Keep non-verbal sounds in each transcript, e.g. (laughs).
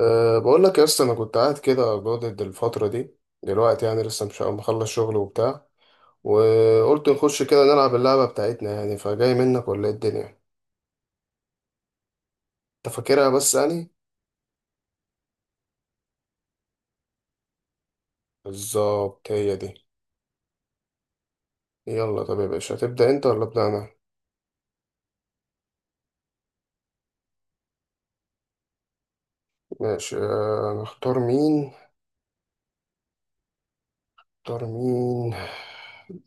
بقول لك يا اسطى، انا كنت قاعد كده جادد الفتره دي. دلوقتي يعني لسه مش مخلص شغل وبتاع، وقلت نخش كده نلعب اللعبه بتاعتنا. يعني فجاي منك ولا ايه الدنيا؟ انت فاكرها بس يعني؟ بالظبط هي دي. يلا طب يا باشا، هتبدا انت ولا ابدا انا؟ ماشي. نختار مين؟ نختار مين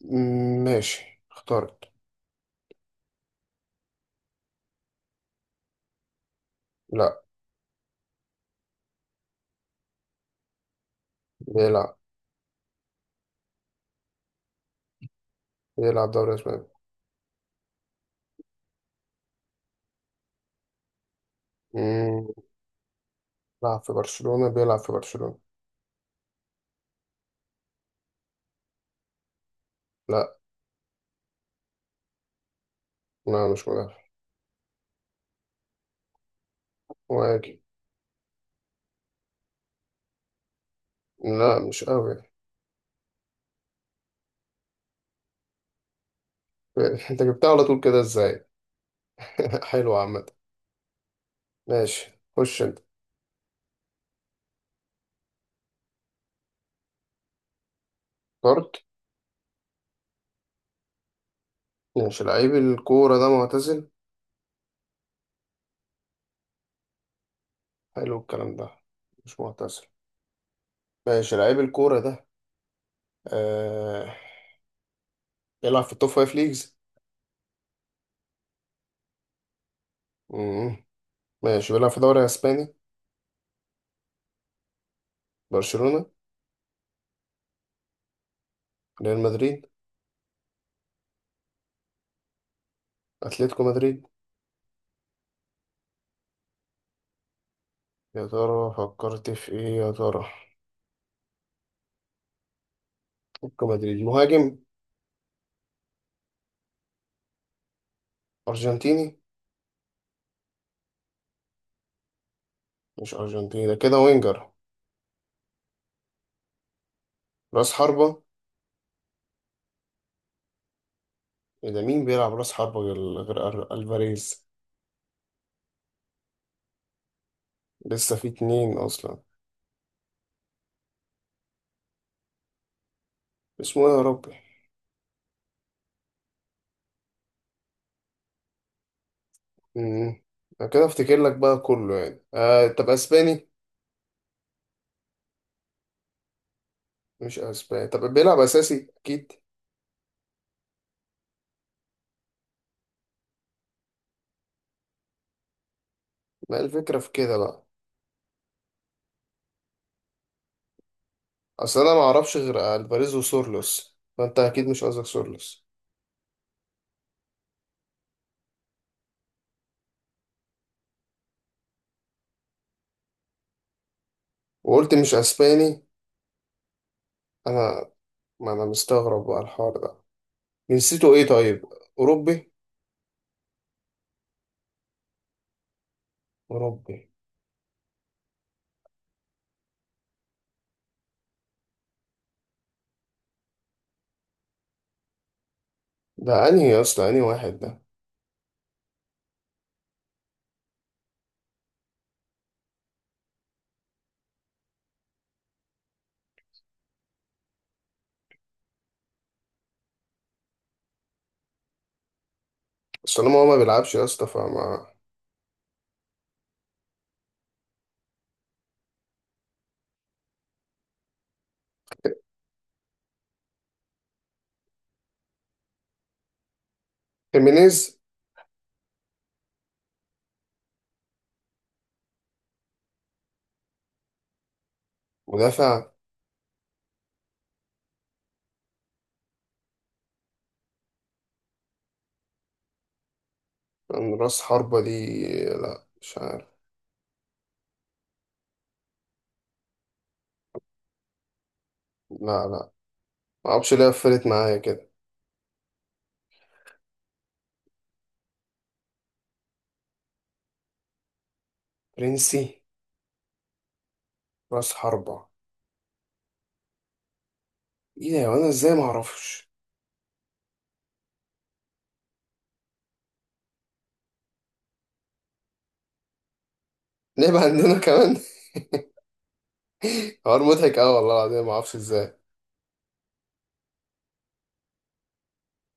ماشي، اخترت. لا. بيلعب بيلعب دوري اسباني. مم، بيلعب في برشلونه. لا. لا مش مدافع. مهاجم. لا مش قوي. (laughs) انت جبتها على طول كده ازاي؟ (laughs) حلو عامة. ماشي، خش انت. اخترت. ماشي، لعيب الكورة ده معتزل؟ حلو الكلام ده. مش معتزل. ماشي، لعيب الكورة ده آه... بيلعب في التوب فايف ليجز. مم. ماشي، بيلعب في دوري اسباني. برشلونة؟ ريال مدريد؟ اتلتيكو مدريد. يا ترى فكرت في ايه يا ترى؟ اتلتيكو مدريد مهاجم. ارجنتيني؟ مش ارجنتيني، ده كده وينجر. راس حربة. ده مين بيلعب راس حربة غير ألفاريز؟ لسه في اتنين أصلا. اسمه إيه يا ربي؟ مم. أنا كده أفتكر لك بقى كله يعني. طب أسباني؟ مش أسباني. طب بيلعب أساسي أكيد. ما هي الفكرة في كده بقى. أصل أنا معرفش غير ألفاريز وسورلوس، فأنت أكيد مش قصدك سورلوس. وقلت مش أسباني. أنا، ما أنا مستغرب بقى الحوار ده. جنسيته إيه طيب؟ أوروبي؟ أوروبي. ده أنهي يا اسطى؟ أنهي واحد ده؟ أصل أنا ما هو ما بيلعبش يا اسطى فما. خيمينيز. مدافع؟ من راس حربة دي. لا مش عارف. لا لا، ما اعرفش ليه قفلت معايا كده. برنسي؟ راس حربة؟ ايه ده، وانا ازاي ما اعرفش. لعب عندنا كمان؟ (laughs) حوار مضحك قوي والله العظيم، ما اعرفش ازاي.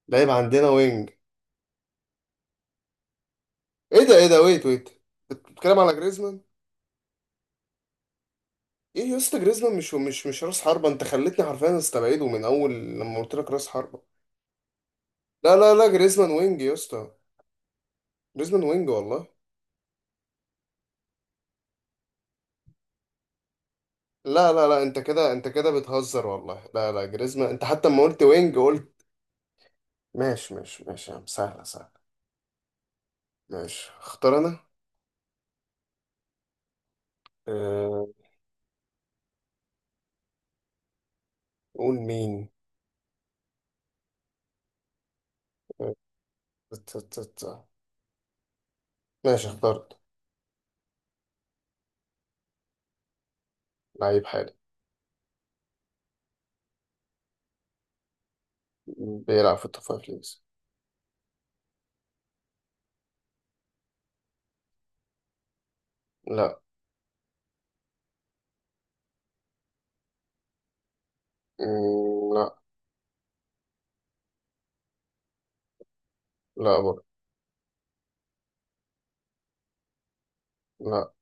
لعب عندنا وينج. ايه ده، ايه ده، ويت ويت. بتتكلم على جريزمان؟ ايه يا اسطى، جريزمان مش راس حربة. انت خلتني حرفيا استبعده من اول لما قلت لك راس حربة. لا لا لا، جريزمان وينج يا اسطى. جريزمان وينج والله. لا لا لا، انت كده بتهزر والله. لا لا جريزمان. انت حتى لما قلت وينج قلت. ماشي ماشي ماشي يا عم، سهلة سهلة. ماشي، اختار انا. أه... قول مين. أه... ت- ت- ت- ماشي، اخترت. لعيب حالي. بيلعب في التوب فايف ليجز. لا. مم، لا. لا برضه. لا.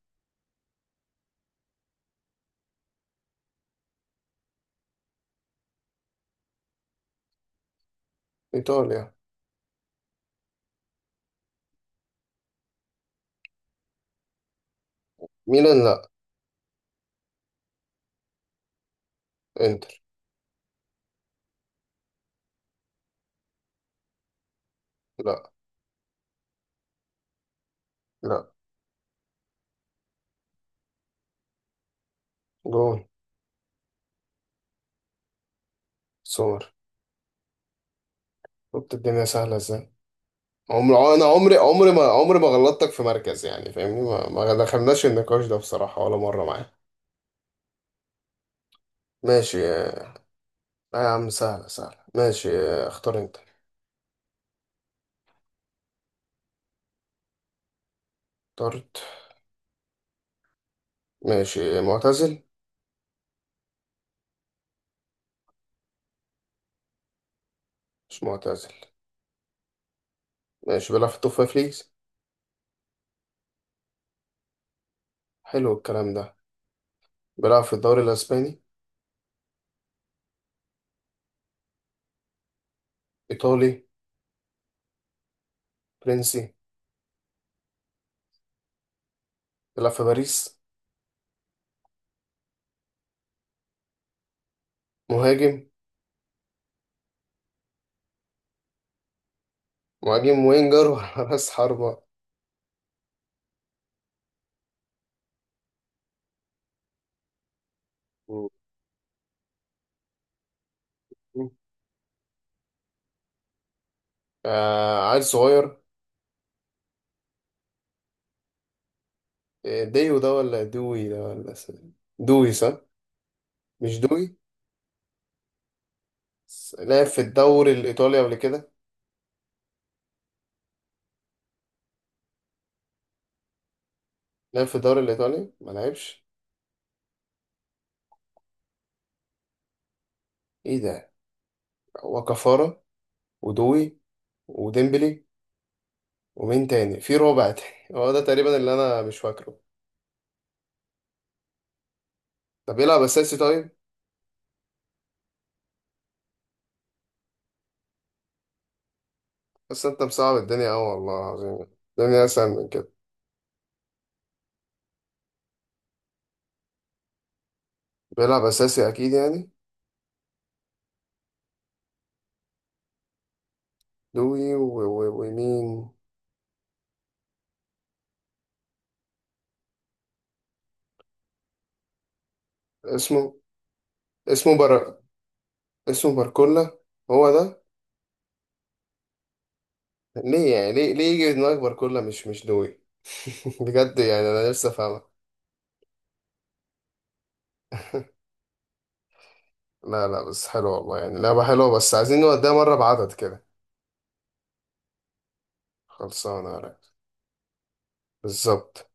ايطاليا. ميلان لا. انتر. لا. لا. جون. سومر. شفت الدنيا سهلة ازاي. انا عمري ما غلطتك في مركز. يعني فاهمني، ما دخلناش النقاش ده بصراحة ولا مرة معاه. ماشي. يا عم سهلة سهلة. ماشي، اختار انت. اخترت. ماشي معتزل؟ مش معتزل. ماشي بيلعب في التوب فايف ليجز. حلو الكلام ده. بيلعب في الدوري الاسباني؟ ايطالي؟ فرنسي. بيلعب في باريس. مهاجم. مهاجم وينجر ولا (laughs) راس حربة؟ مم. عيل صغير. ديو ده ولا دوي ده ولا دوي صح. مش دوي. لعب في الدوري الإيطالي قبل كده؟ لعب في الدوري الإيطالي ما لعبش؟ إيه ده. هو كفارة، ودوي، وديمبلي، ومين تاني في رابع تاني؟ (laughs) هو ده تقريبا اللي أنا مش فاكره. طب بيلعب أساسي طيب؟ بس أنت مصعب الدنيا أوي والله العظيم. الدنيا أسهل من كده. بيلعب أساسي أكيد يعني. دوي و... ومين. اسمه. اسمه بر... اسمه باركولا. هو ده. ليه يعني، ليه يجي في دماغك باركولا مش دوي؟ (laughs) بجد يعني أنا نفسي أفهمها. لا لا، بس حلو والله. يعني لعبة حلوة، بس عايزين نوديها مرة بعدد كده. خلصانة يا ريس. بالظبط.